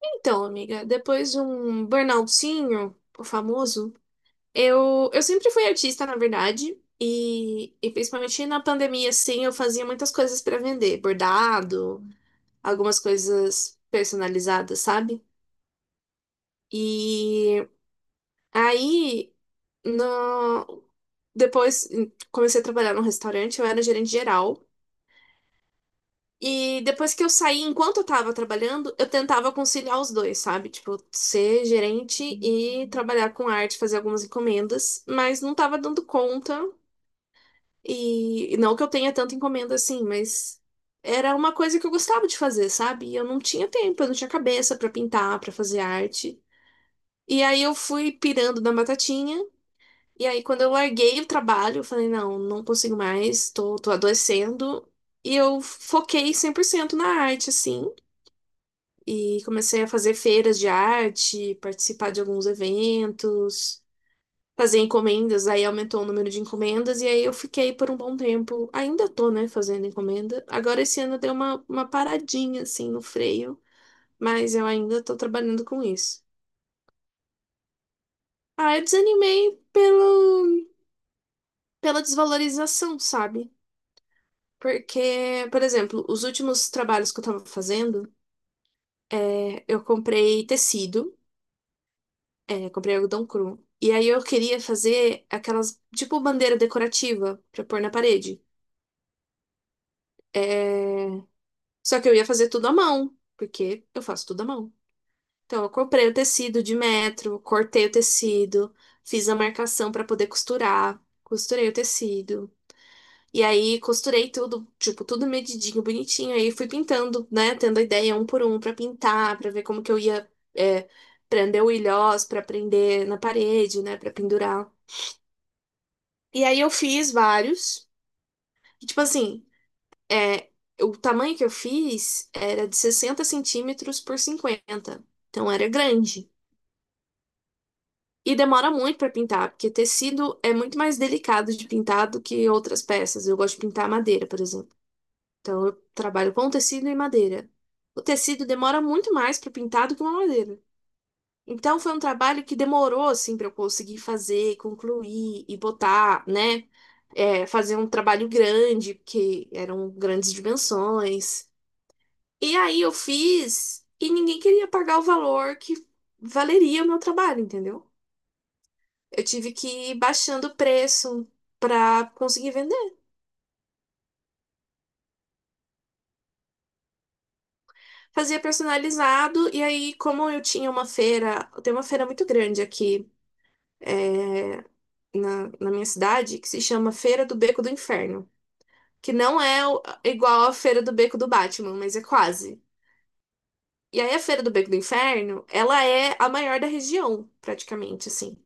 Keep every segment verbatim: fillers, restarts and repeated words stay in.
Então, amiga, depois de um burnoutzinho, o famoso. Eu, eu sempre fui artista, na verdade, e, e principalmente na pandemia, assim, eu fazia muitas coisas para vender, bordado, algumas coisas personalizadas, sabe? E aí, no, depois comecei a trabalhar num restaurante, eu era gerente geral. E depois que eu saí, enquanto eu tava trabalhando, eu tentava conciliar os dois, sabe? Tipo, ser gerente e trabalhar com arte, fazer algumas encomendas, mas não tava dando conta. E e não que eu tenha tanta encomenda assim, mas era uma coisa que eu gostava de fazer, sabe? E eu não tinha tempo, eu não tinha cabeça pra pintar, pra fazer arte. E aí eu fui pirando na batatinha. E aí, quando eu larguei o trabalho, eu falei, não, não consigo mais, tô, tô adoecendo. E eu foquei cem por cento na arte, assim. E comecei a fazer feiras de arte, participar de alguns eventos, fazer encomendas, aí aumentou o número de encomendas, e aí eu fiquei por um bom tempo. Ainda tô, né, fazendo encomenda. Agora esse ano deu uma, uma paradinha, assim, no freio, mas eu ainda tô trabalhando com isso. Ah, eu desanimei pelo, pela desvalorização, sabe? Porque, por exemplo, os últimos trabalhos que eu tava fazendo, é, eu comprei tecido. É, comprei algodão cru. E aí eu queria fazer aquelas, tipo, bandeira decorativa pra pôr na parede. É, Só que eu ia fazer tudo à mão, porque eu faço tudo à mão. Então eu comprei o tecido de metro, cortei o tecido, fiz a marcação pra poder costurar, costurei o tecido. E aí costurei tudo, tipo, tudo medidinho, bonitinho. Aí fui pintando, né, tendo a ideia um por um pra pintar, pra ver como que eu ia, é, prender o ilhós, pra prender na parede, né, pra pendurar. E aí eu fiz vários. E, tipo assim, é, o tamanho que eu fiz era de sessenta centímetros por cinquenta. Então era grande. E demora muito para pintar, porque tecido é muito mais delicado de pintar do que outras peças. Eu gosto de pintar madeira, por exemplo. Então eu trabalho com tecido e madeira. O tecido demora muito mais para pintar do que uma madeira. Então foi um trabalho que demorou assim para eu conseguir fazer, concluir e botar, né? É, fazer um trabalho grande, porque eram grandes dimensões. E aí eu fiz e ninguém queria pagar o valor que valeria o meu trabalho, entendeu? Eu tive que ir baixando o preço para conseguir vender. Fazia personalizado e aí, como eu tinha uma feira, tem uma feira muito grande aqui, é, na, na minha cidade que se chama Feira do Beco do Inferno. Que não é o- igual à Feira do Beco do Batman, mas é quase. E aí a Feira do Beco do Inferno, ela é a maior da região, praticamente, assim.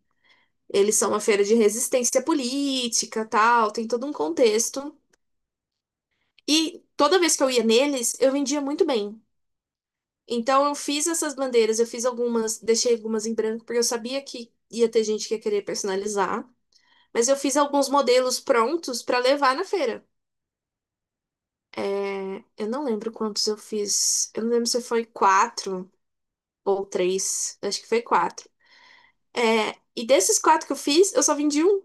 Eles são uma feira de resistência política, tal, tem todo um contexto. E toda vez que eu ia neles, eu vendia muito bem. Então eu fiz essas bandeiras, eu fiz algumas, deixei algumas em branco, porque eu sabia que ia ter gente que ia querer personalizar. Mas eu fiz alguns modelos prontos para levar na feira. É, Eu não lembro quantos eu fiz. Eu não lembro se foi quatro ou três. Acho que foi quatro. É, e desses quatro que eu fiz, eu só vendi um.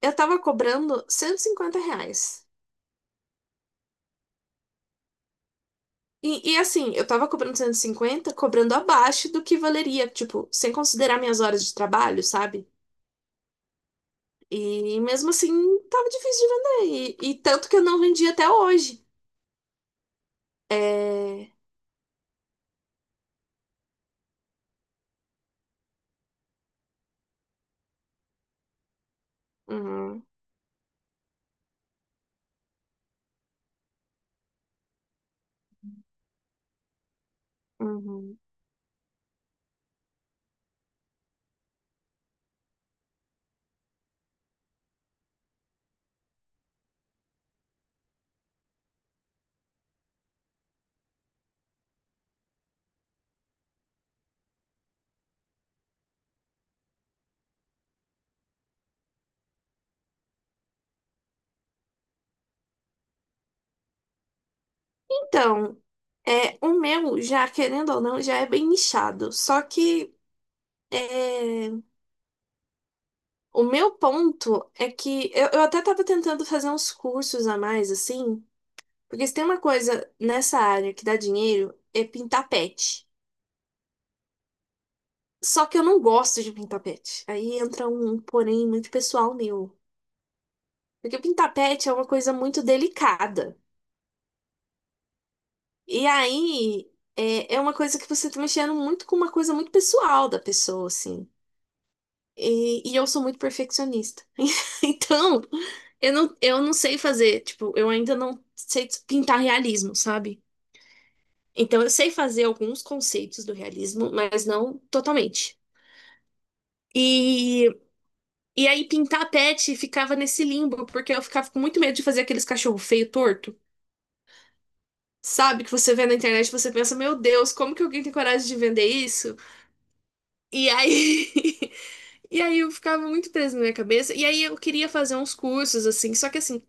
Eu tava cobrando cento e cinquenta reais. E, e assim, eu tava cobrando cento e cinquenta, cobrando abaixo do que valeria, tipo, sem considerar minhas horas de trabalho, sabe? E mesmo assim, tava difícil de vender. E, e tanto que eu não vendi até hoje. É. Uhum, uhum. Então, é, o meu, já querendo ou não, já é bem nichado. Só que. é, O meu ponto é que eu, eu até tava tentando fazer uns cursos a mais, assim, porque se tem uma coisa nessa área que dá dinheiro, é pintar pet. Só que eu não gosto de pintar pet. Aí entra um porém muito pessoal meu. Porque pintar pet é uma coisa muito delicada. E aí é, é uma coisa que você tá mexendo muito com uma coisa muito pessoal da pessoa, assim. E, e eu sou muito perfeccionista. Então, eu não, eu não sei fazer, tipo, eu ainda não sei pintar realismo, sabe? Então, eu sei fazer alguns conceitos do realismo, mas não totalmente. E, e aí, pintar pet ficava nesse limbo, porque eu ficava com muito medo de fazer aqueles cachorro feio, torto. Sabe, que você vê na internet, e você pensa, meu Deus, como que alguém tem coragem de vender isso? E aí, e aí eu ficava muito preso na minha cabeça. E aí eu queria fazer uns cursos, assim, só que assim,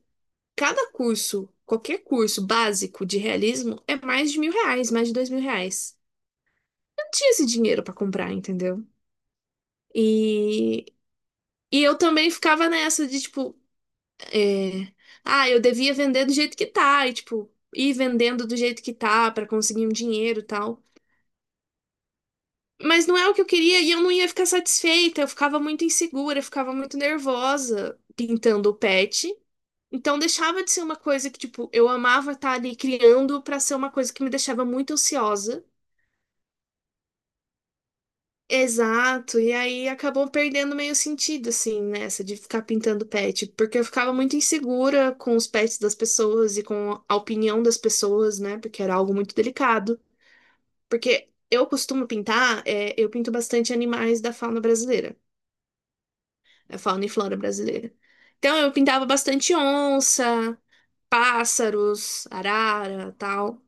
cada curso, qualquer curso básico de realismo é mais de mil reais, mais de dois mil reais. Eu não tinha esse dinheiro pra comprar, entendeu? E, e eu também ficava nessa de tipo, é, ah, eu devia vender do jeito que tá, e tipo, ir vendendo do jeito que tá pra conseguir um dinheiro e tal. Mas não é o que eu queria e eu não ia ficar satisfeita, eu ficava muito insegura, eu ficava muito nervosa pintando o pet. Então deixava de ser uma coisa que, tipo, eu amava estar ali criando pra ser uma coisa que me deixava muito ansiosa. Exato, e aí acabou perdendo meio sentido, assim, nessa de ficar pintando pet, porque eu ficava muito insegura com os pets das pessoas e com a opinião das pessoas, né? Porque era algo muito delicado. Porque eu costumo pintar, é, eu pinto bastante animais da fauna brasileira, da fauna e flora brasileira. Então eu pintava bastante onça, pássaros, arara, tal.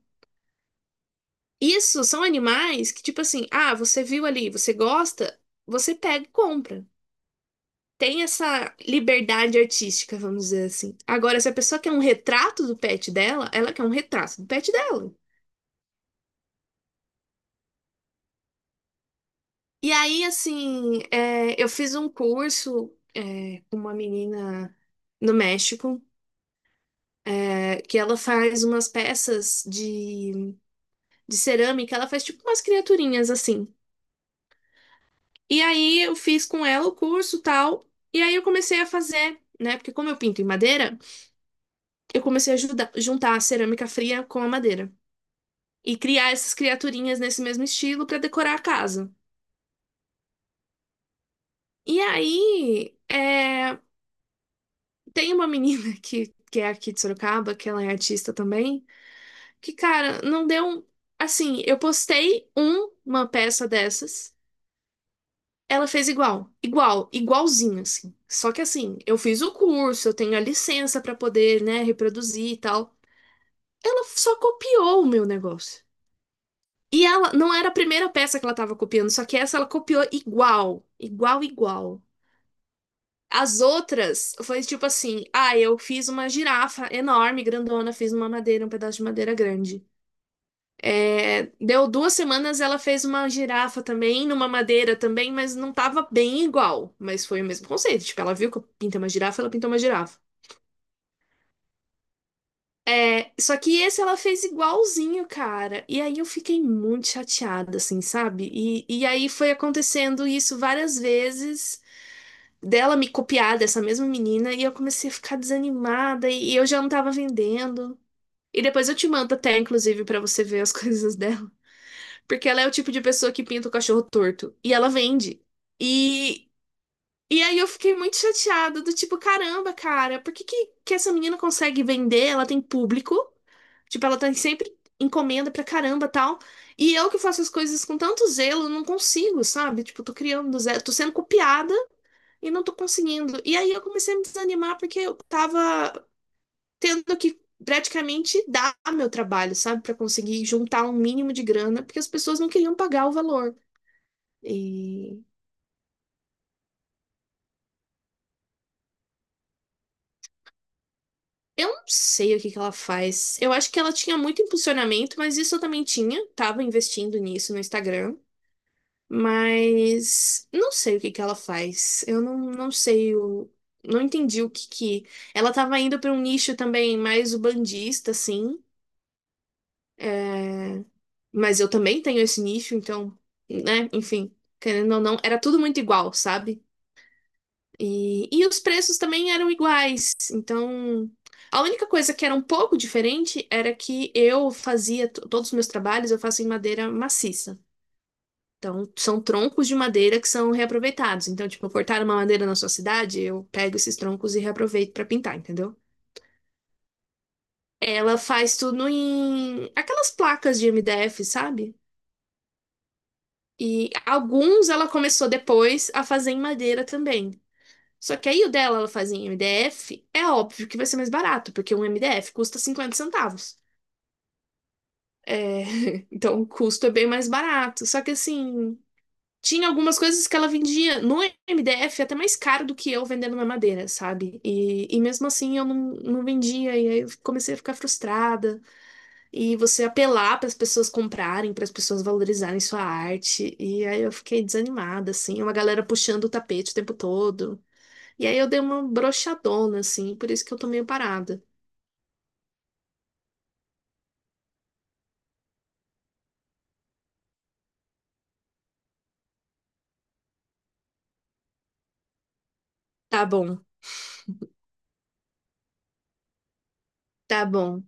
Isso são animais que, tipo assim, ah, você viu ali, você gosta, você pega e compra. Tem essa liberdade artística, vamos dizer assim. Agora, se a pessoa quer um retrato do pet dela, ela quer um retrato do pet dela. E aí, assim, é, eu fiz um curso, é, com uma menina no México, é, que ela faz umas peças de, de cerâmica, ela faz tipo umas criaturinhas assim. E aí eu fiz com ela o curso tal, e aí eu comecei a fazer, né? Porque como eu pinto em madeira, eu comecei a juda- juntar a cerâmica fria com a madeira e criar essas criaturinhas nesse mesmo estilo para decorar a casa. E aí é, tem uma menina que, que é aqui de Sorocaba, que ela é artista também, que, cara, não deu. um- Assim, eu postei um- uma peça dessas. Ela fez igual, igual, igualzinho, assim. Só que assim, eu fiz o curso, eu tenho a licença pra poder, né, reproduzir e tal. Ela só copiou o meu negócio. E ela não era a primeira peça que ela tava copiando, só que essa ela copiou igual, igual, igual. As outras foi tipo assim: ah, eu fiz uma girafa enorme, grandona, fiz uma madeira, um pedaço de madeira grande. É, Deu duas semanas, ela fez uma girafa também, numa madeira também, mas não tava bem igual. Mas foi o mesmo conceito. Tipo, ela viu que eu pintei uma girafa, ela pintou uma girafa. É, só que esse ela fez igualzinho, cara. E aí eu fiquei muito chateada, assim, sabe? E, e aí foi acontecendo isso várias vezes, dela me copiar dessa mesma menina, e eu comecei a ficar desanimada, e eu já não tava vendendo. E depois eu te mando até, inclusive, pra você ver as coisas dela. Porque ela é o tipo de pessoa que pinta o cachorro torto. E ela vende. E, e aí eu fiquei muito chateada, do tipo, caramba, cara, por que, que, que, essa menina consegue vender? Ela tem público. Tipo, ela tem sempre encomenda pra caramba tal. E eu que faço as coisas com tanto zelo, não consigo, sabe? Tipo, tô criando do zero, tô sendo copiada e não tô conseguindo. E aí eu comecei a me desanimar porque eu tava tendo que praticamente dar meu trabalho, sabe? Pra conseguir juntar um mínimo de grana, porque as pessoas não queriam pagar o valor. E eu não sei o que que ela faz. Eu acho que ela tinha muito impulsionamento, mas isso eu também tinha. Tava investindo nisso no Instagram. Mas não sei o que que ela faz. Eu não, não sei o. Não entendi o que que. Ela tava indo para um nicho também mais bandista assim. É, Mas eu também tenho esse nicho, então, né? Enfim, querendo ou não, era tudo muito igual, sabe? E, e os preços também eram iguais. Então, a única coisa que era um pouco diferente era que eu fazia t- todos os meus trabalhos, eu faço em madeira maciça. Então, são troncos de madeira que são reaproveitados. Então, tipo, cortaram uma madeira na sua cidade, eu pego esses troncos e reaproveito pra pintar, entendeu? Ela faz tudo em aquelas placas de M D F, sabe? E alguns ela começou depois a fazer em madeira também. Só que aí o dela ela faz em M D F, é óbvio que vai ser mais barato, porque um M D F custa cinquenta centavos. É, então o custo é bem mais barato. Só que assim, tinha algumas coisas que ela vendia no M D F até mais caro do que eu vendendo na madeira, sabe? E, e mesmo assim eu não, não vendia, e aí eu comecei a ficar frustrada. E você apelar para as pessoas comprarem, para as pessoas valorizarem sua arte. E aí eu fiquei desanimada, assim, é uma galera puxando o tapete o tempo todo. E aí eu dei uma broxadona, assim, por isso que eu tô meio parada. Tá bom, tá bom.